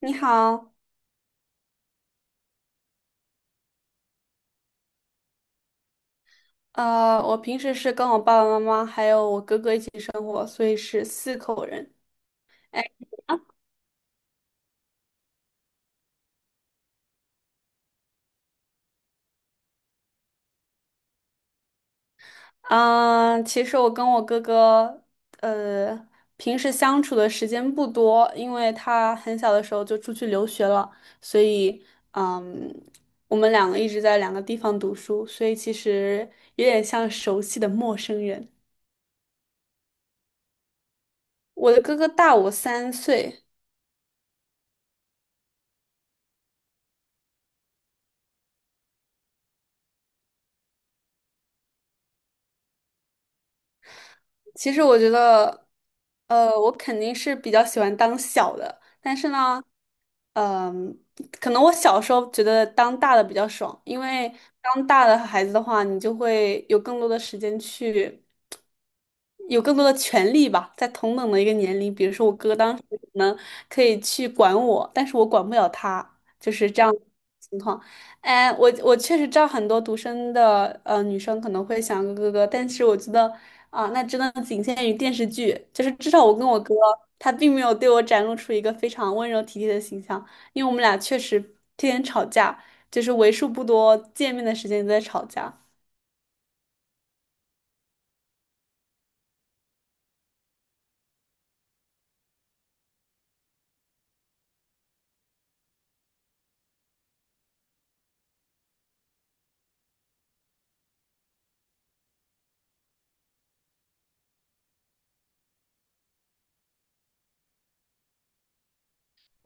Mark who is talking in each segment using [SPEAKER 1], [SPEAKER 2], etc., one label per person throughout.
[SPEAKER 1] 你好。我平时是跟我爸爸妈妈还有我哥哥一起生活，所以是四口人。哎，其实我跟我哥哥，呃，平时相处的时间不多，因为他很小的时候就出去留学了，所以，嗯，我们两个一直在两个地方读书，所以其实有点像熟悉的陌生人。我的哥哥大我三岁。其实我觉得，我肯定是比较喜欢当小的。但是呢，呃，可能我小时候觉得当大的比较爽，因为当大的孩子的话，你就会有更多的时间去，有更多的权利吧。在同等的一个年龄，比如说我哥当时可能可以去管我，但是我管不了他，就是这样。哎，我确实知道很多独生的女生可能会想哥哥哥，但是我觉得啊、那真的仅限于电视剧。就是至少我跟我哥，他并没有对我展露出一个非常温柔体贴的形象，因为我们俩确实天天吵架，就是为数不多见面的时间都在吵架。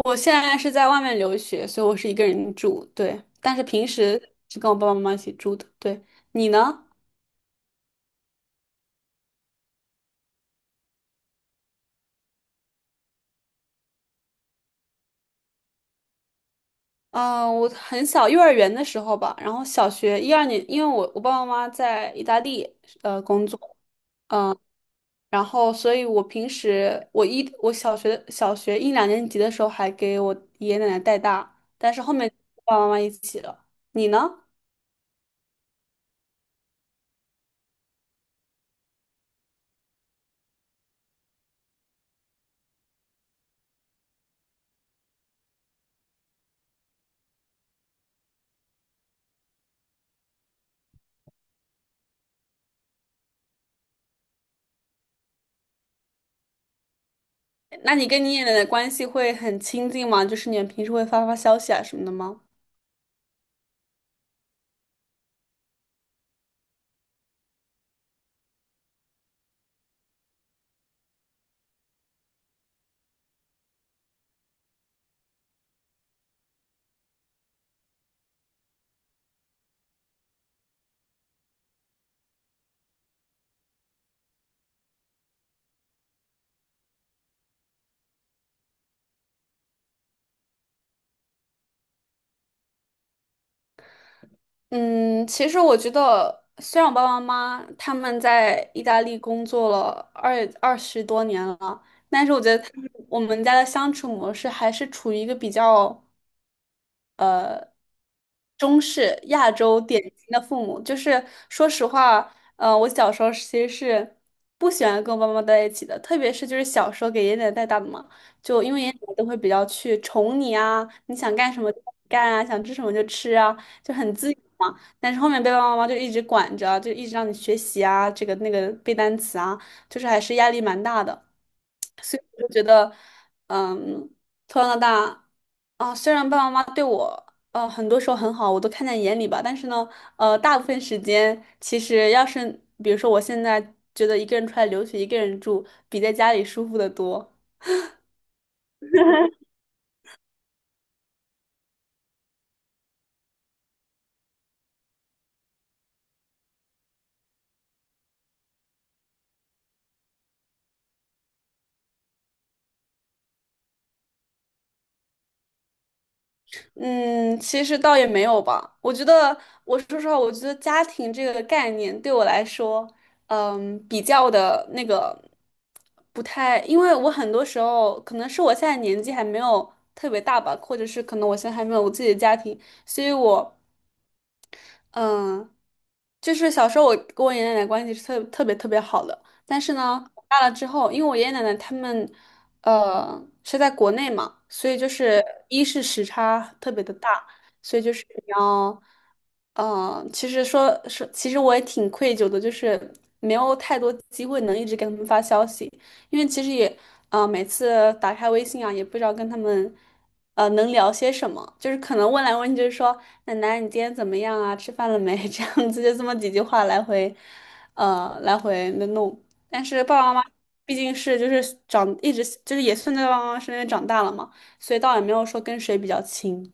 [SPEAKER 1] 我现在是在外面留学，所以我是一个人住，对，但是平时是跟我爸爸妈妈一起住的，对。你呢？嗯，我很小，幼儿园的时候吧，然后小学一二年，因为我爸爸妈妈在意大利工作，然后所以我平时我一我小学小学一两年级的时候还给我爷爷奶奶带大，但是后面爸爸妈妈一起了。你呢？那你跟你爷爷奶奶关系会很亲近吗？就是你们平时会发发消息啊什么的吗？嗯，其实我觉得，虽然我爸爸妈妈他们在意大利工作了二十多年了，但是我觉得他们我们家的相处模式还是处于一个比较中式亚洲典型的父母。就是说实话，我小时候其实是不喜欢跟我爸妈在一起的，特别是就是小时候给爷爷奶奶带大的嘛。就因为爷爷奶奶都会比较去宠你啊，你想干什么就干啊，想吃什么就吃啊，就很自由嘛。但是后面被爸爸妈妈就一直管着，就一直让你学习啊，这个那个背单词啊，就是还是压力蛮大的。所以我就觉得，嗯，从小到大，啊，虽然爸爸妈妈对我，很多时候很好，我都看在眼里吧。但是呢，大部分时间其实要是，比如说我现在觉得一个人出来留学，一个人住，比在家里舒服的多。嗯，其实倒也没有吧。我觉得，我说实话，我觉得家庭这个概念对我来说，嗯，比较的那个不太。因为我很多时候可能是我现在年纪还没有特别大吧，或者是可能我现在还没有我自己的家庭，所以我。嗯，就是小时候我跟我爷爷奶奶关系是特别特别好的。但是呢，我大了之后，因为我爷爷奶奶他们，是在国内嘛，所以就是时差特别的大，所以就是你要，嗯、其实说，其实我也挺愧疚的，就是没有太多机会能一直给他们发消息。因为其实也，每次打开微信啊，也不知道跟他们，能聊些什么。就是可能问来问去，就是说，奶奶你今天怎么样啊？吃饭了没？这样子就这么几句话来回，来回的弄。但是爸爸妈妈毕竟是就是一直就是也算在爸爸妈妈身边长大了嘛，所以倒也没有说跟谁比较亲。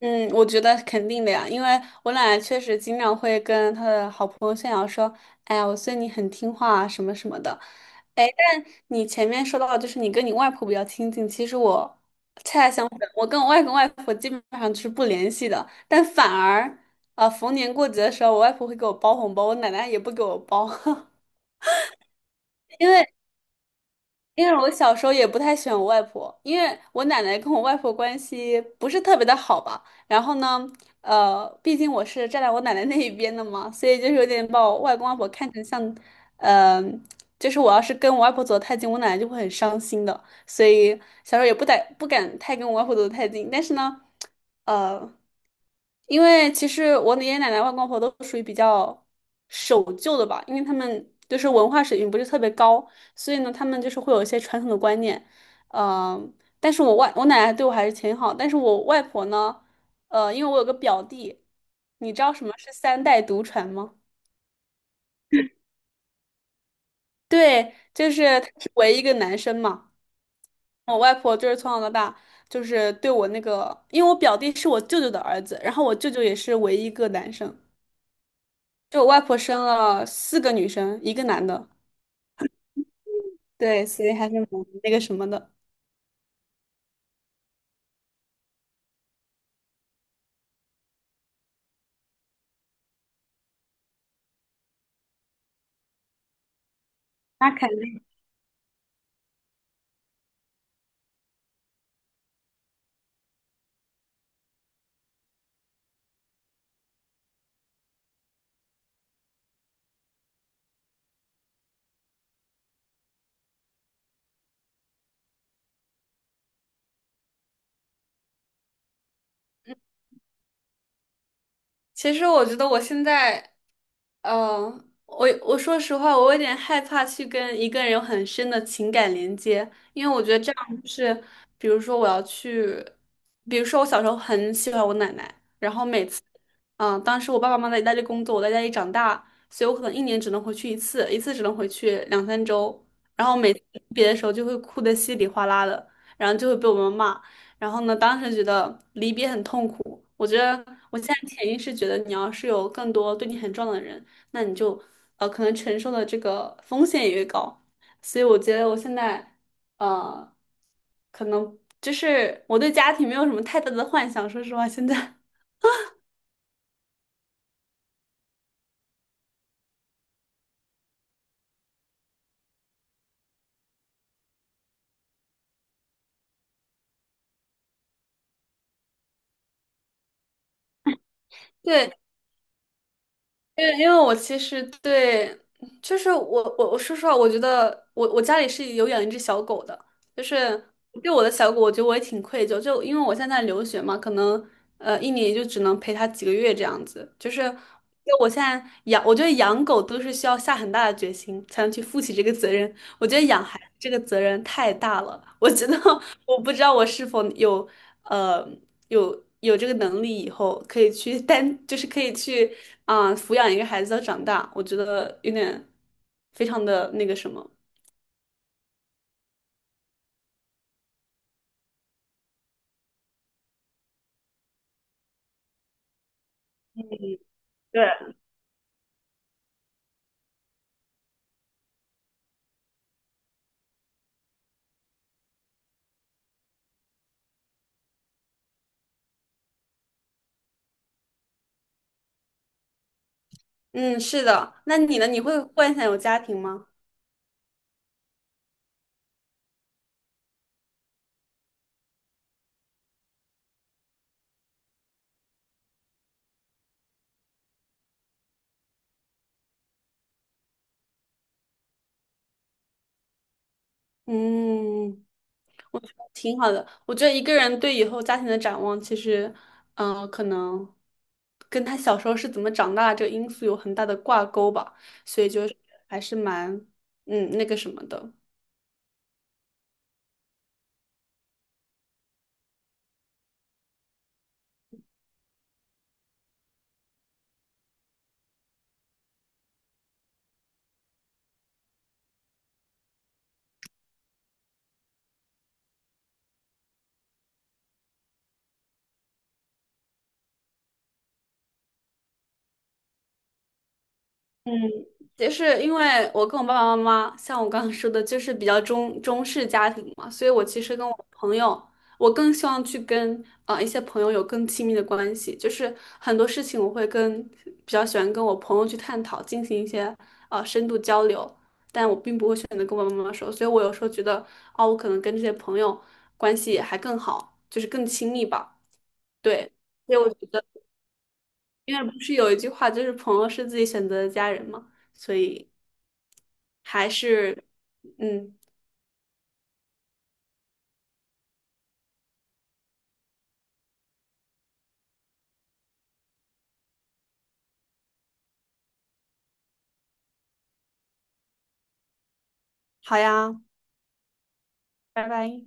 [SPEAKER 1] 嗯，我觉得肯定的呀，因为我奶奶确实经常会跟她的好朋友炫耀说：“哎呀，我孙女很听话啊，什么什么的。”哎，但你前面说到，就是你跟你外婆比较亲近，其实我恰恰相反，我跟我外公外婆基本上就是不联系的。但反而，逢年过节的时候，我外婆会给我包红包，我奶奶也不给我包。因为我小时候也不太喜欢我外婆，因为我奶奶跟我外婆关系不是特别的好吧。然后呢，毕竟我是站在我奶奶那一边的嘛，所以就是有点把我外公外婆看成像，呃，就是我要是跟我外婆走得太近，我奶奶就会很伤心的。所以小时候也不敢太跟我外婆走得太近。但是呢，呃。因为其实我爷爷奶奶、外公外婆都属于比较守旧的吧，因为他们就是文化水平不是特别高。所以呢，他们就是会有一些传统的观念。嗯、但是我奶奶对我还是挺好，但是我外婆呢，因为我有个表弟。你知道什么是三代独传吗？对，就是他是唯一一个男生嘛。我外婆就是从小到大就是对我那个，因为我表弟是我舅舅的儿子，然后我舅舅也是唯一一个男生，就我外婆生了四个女生，一个男的。对，所以还是蛮那个什么的。那肯定。其实我觉得我现在嗯，我说实话，我有点害怕去跟一个人有很深的情感连接。因为我觉得这样就是，比如说我要去，比如说我小时候很喜欢我奶奶，然后每次，嗯，当时我爸爸妈妈在意大利工作，我在家里长大，所以我可能一年只能回去一次，一次只能回去两三周，然后每次离别的时候就会哭得稀里哗啦的，然后就会被我们骂。然后呢，当时觉得离别很痛苦。我觉得我现在潜意识觉得你要是有更多对你很重要的人，那你就可能承受的这个风险也越高。所以我觉得我现在呃可能就是我对家庭没有什么太大的幻想，说实话，现在 对，因为我其实对，就是我我说实话，我觉得我家里是有养一只小狗的。就是对我的小狗，我觉得我也挺愧疚，就因为我现在留学嘛，可能一年也就只能陪它几个月这样子。就是就我现在养，我觉得养狗都是需要下很大的决心才能去负起这个责任。我觉得养孩子这个责任太大了，我觉得 我不知道我是否有呃有这个能力，以后可以去单就是可以去啊、抚养一个孩子到长大，我觉得有点非常的那个什么。对。嗯，是的。那你呢？你会幻想有家庭吗？嗯，我觉得挺好的。我觉得一个人对以后家庭的展望，其实，嗯、可能跟他小时候是怎么长大这个因素有很大的挂钩吧。所以就是还是蛮，嗯，那个什么的。也是因为我跟我爸爸妈妈，像我刚刚说的，就是比较中式家庭嘛，所以我其实跟我朋友，我更希望去跟啊一些朋友有更亲密的关系。就是很多事情我会跟比较喜欢跟我朋友去探讨，进行一些深度交流。但我并不会选择跟我爸爸妈妈说，所以我有时候觉得，哦，我可能跟这些朋友关系还更好，就是更亲密吧，对。所以我觉得，因为不是有一句话就是朋友是自己选择的家人嘛，所以。还是，嗯，好呀，拜拜。